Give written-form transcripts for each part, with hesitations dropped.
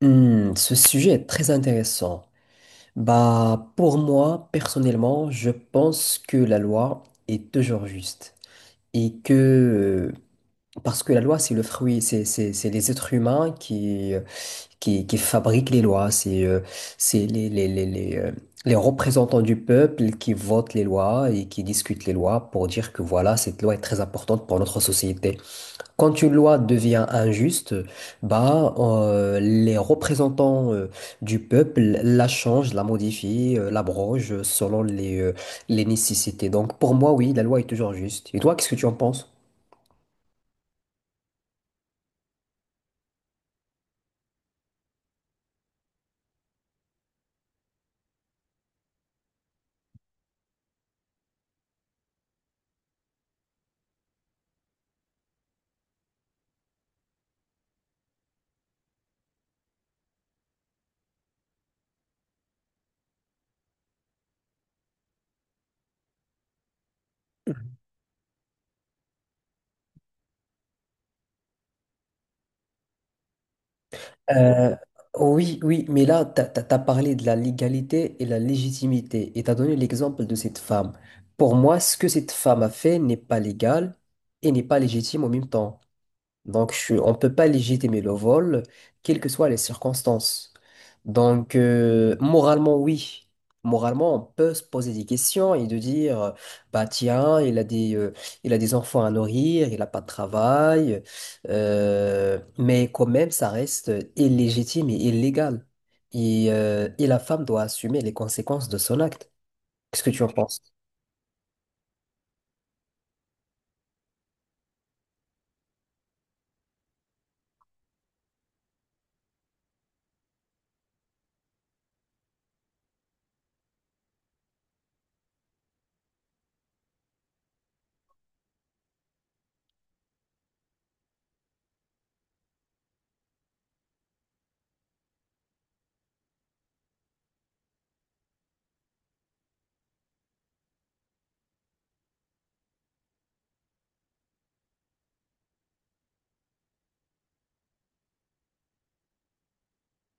Ce sujet est très intéressant. Bah, pour moi, personnellement, je pense que la loi est toujours juste. Et que, parce que la loi, c'est le fruit, c'est les êtres humains qui fabriquent les lois. C'est les représentants du peuple qui votent les lois et qui discutent les lois pour dire que voilà, cette loi est très importante pour notre société. Quand une loi devient injuste, bah, les représentants du peuple la changent, la modifient, l'abrogent selon les nécessités. Donc pour moi, oui, la loi est toujours juste. Et toi, qu'est-ce que tu en penses? Euh, oui, oui, mais là, tu as parlé de la légalité et la légitimité et tu as donné l'exemple de cette femme. Pour moi, ce que cette femme a fait n'est pas légal et n'est pas légitime en même temps. Donc, on ne peut pas légitimer le vol, quelles que soient les circonstances. Donc, moralement, oui. Moralement, on peut se poser des questions et de dire, bah tiens, il a des enfants à nourrir, il n'a pas de travail, mais quand même, ça reste illégitime et illégal. Et la femme doit assumer les conséquences de son acte. Qu'est-ce que tu en penses?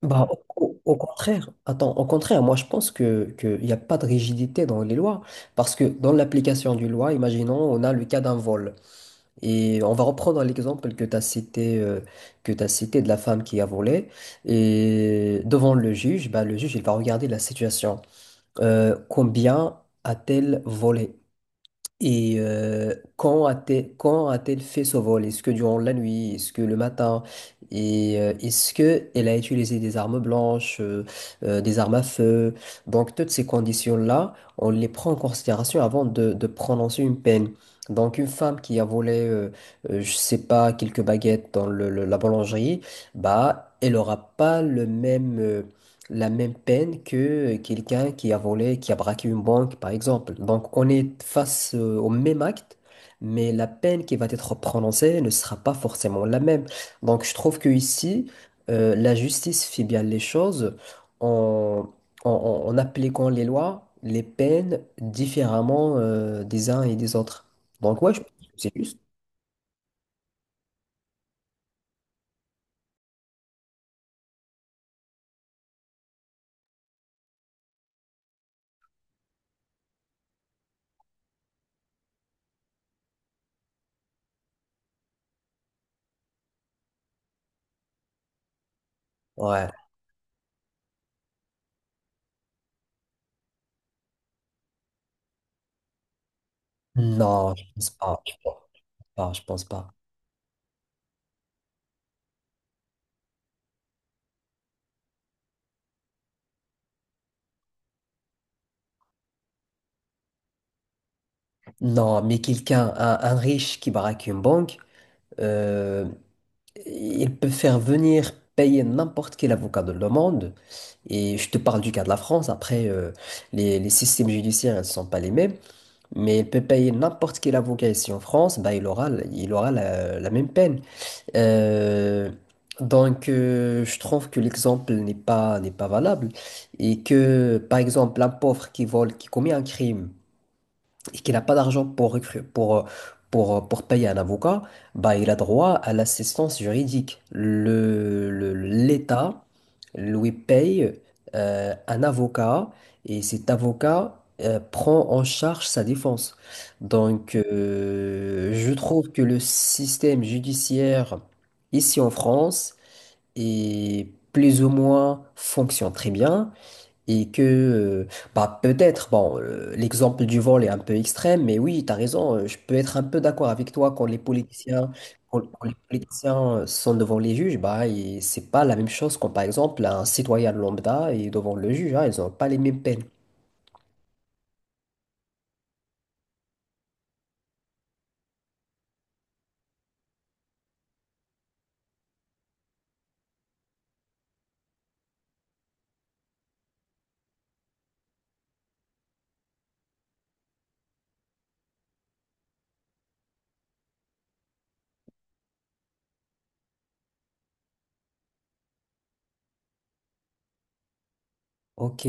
Bah, au contraire, attends, au contraire, moi je pense que qu'il n'y a pas de rigidité dans les lois, parce que dans l'application du loi, imaginons, on a le cas d'un vol, et on va reprendre l'exemple que tu as cité, que tu cité de la femme qui a volé, et devant le juge, bah, le juge il va regarder la situation. Combien a-t-elle volé? Et quand a-t-elle fait ce vol? Est-ce que durant la nuit? Est-ce que le matin? Et est-ce que elle a utilisé des armes blanches, des armes à feu? Donc toutes ces conditions-là, on les prend en considération avant de prononcer une peine. Donc une femme qui a volé, je sais pas, quelques baguettes dans la boulangerie, bah elle aura pas le même la même peine que quelqu'un qui a volé, qui a braqué une banque, par exemple. Donc, on est face au même acte, mais la peine qui va être prononcée ne sera pas forcément la même. Donc, je trouve que ici, la justice fait bien les choses en, en appliquant les lois, les peines différemment des uns et des autres. Donc, ouais, je pense que c'est juste. Ouais. Non, je pense pas. Je pense pas, je pense pas. Non, mais quelqu'un, un riche qui braque une banque. Euh, ils peuvent faire venir payer n'importe quel avocat de le monde. Et je te parle du cas de la France. Après, les systèmes judiciaires ne sont pas les mêmes. Mais il peut payer n'importe quel avocat ici en France. Bah, il aura la même peine. Euh, je trouve que l'exemple n'est pas valable. Et que, par exemple, un pauvre qui vole, qui commet un crime, et qu'il n'a pas d'argent pour, recru- pour payer un avocat, bah, il a droit à l'assistance juridique. L'État lui paye un avocat et cet avocat prend en charge sa défense. Donc, je trouve que le système judiciaire ici en France est plus ou moins fonctionne très bien. Et que, bah peut-être, bon, l'exemple du vol est un peu extrême, mais oui, tu as raison, je peux être un peu d'accord avec toi quand les politiciens, quand les politiciens sont devant les juges, bah, et c'est pas la même chose quand, par exemple, un citoyen lambda est devant le juge, hein, ils n'ont pas les mêmes peines. Ok,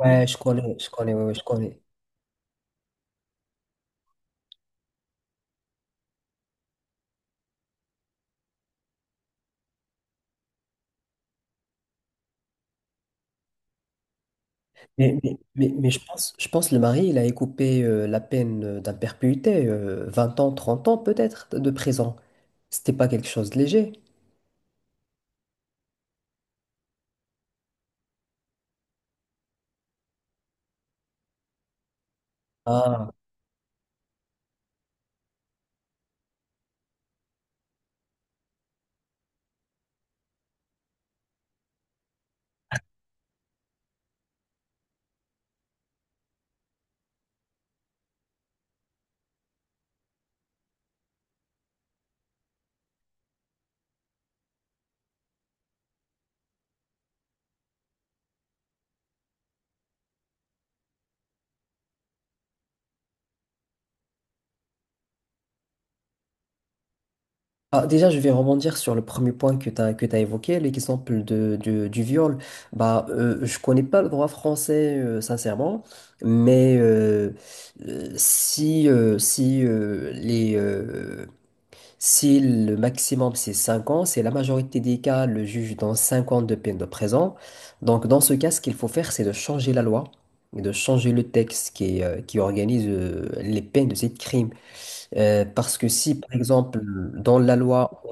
ouais, je connais, ouais, ouais, je connais. Mais je pense le mari, il a écopé la peine d'imperpétuité, 20 ans, 30 ans peut-être de prison. C'était pas quelque chose de léger. Ah. Ah, déjà, je vais rebondir sur le premier point que tu évoqué, l'exemple du viol. Bah, je connais pas le droit français, sincèrement, mais euh, si, euh, si, euh, les, euh, si le maximum c'est 5 ans, c'est la majorité des cas, le juge donne 5 ans de peine de prison. Donc, dans ce cas, ce qu'il faut faire, c'est de changer la loi, et de changer le texte qui organise les peines de ces crimes. Parce que si, par exemple, dans la loi,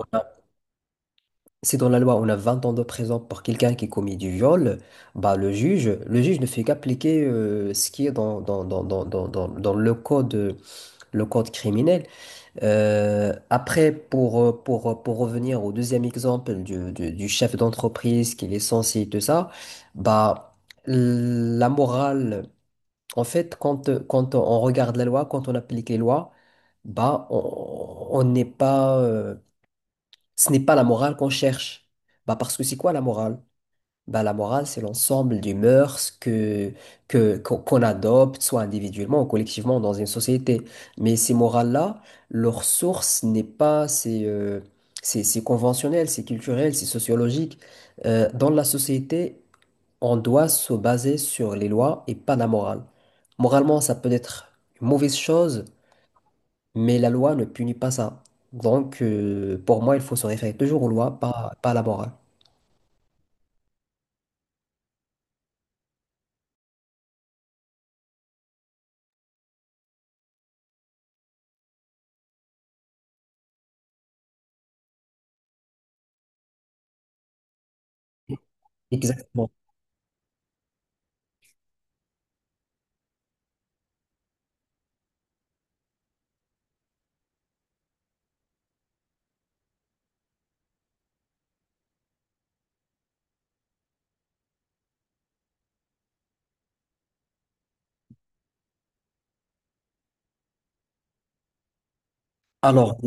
si dans la loi on a 20 ans de prison pour quelqu'un qui commet du viol, bah le juge ne fait qu'appliquer ce qui est dans le code criminel. Après, pour revenir au deuxième exemple du chef d'entreprise qui est censé et tout ça, bah la morale, en fait, quand on regarde la loi, quand on applique les lois, bah on n'est pas. Ce n'est pas la morale qu'on cherche. Bah parce que c'est quoi la morale? Bah la morale, c'est l'ensemble des mœurs que qu'on adopte, soit individuellement ou collectivement dans une société. Mais ces morales-là, leur source n'est pas, c'est conventionnel, c'est culturel, c'est sociologique. Dans la société, on doit se baser sur les lois et pas la morale. Moralement, ça peut être une mauvaise chose, mais la loi ne punit pas ça. Donc, pour moi, il faut se référer toujours aux lois, pas à la morale. Exactement. Alors,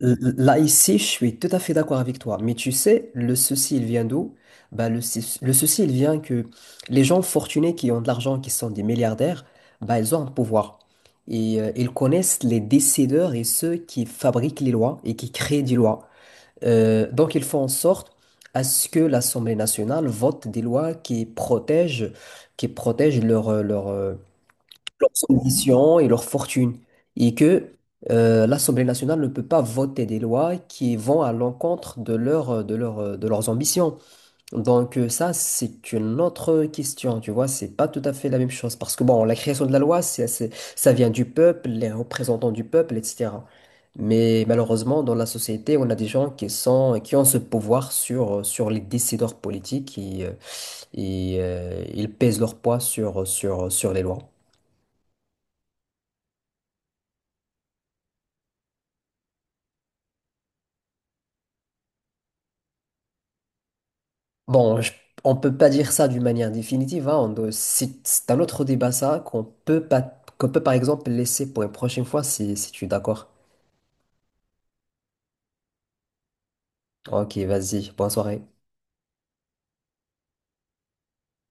là, ici, je suis tout à fait d'accord avec toi. Mais tu sais, le souci, il vient d'où? Bah, le souci, il vient que les gens fortunés qui ont de l'argent, qui sont des milliardaires, bah, ils ont un pouvoir. Et ils connaissent les décideurs et ceux qui fabriquent les lois et qui créent des lois. Donc, ils font en sorte à ce que l'Assemblée nationale vote des lois qui protègent leurs ambitions et leur fortune. Et que l'Assemblée nationale ne peut pas voter des lois qui vont à l'encontre de leurs ambitions. Donc ça, c'est une autre question, tu vois, c'est pas tout à fait la même chose. Parce que bon, la création de la loi, ça vient du peuple, les représentants du peuple, etc. Mais malheureusement, dans la société, on a des gens qui ont ce pouvoir sur les décideurs politiques ils pèsent leur poids sur les lois. Bon, on peut pas dire ça d'une manière définitive, hein, c'est un autre débat ça qu'on peut pas, qu'on peut par exemple laisser pour une prochaine fois si tu es d'accord. Ok, vas-y. Bonne soirée.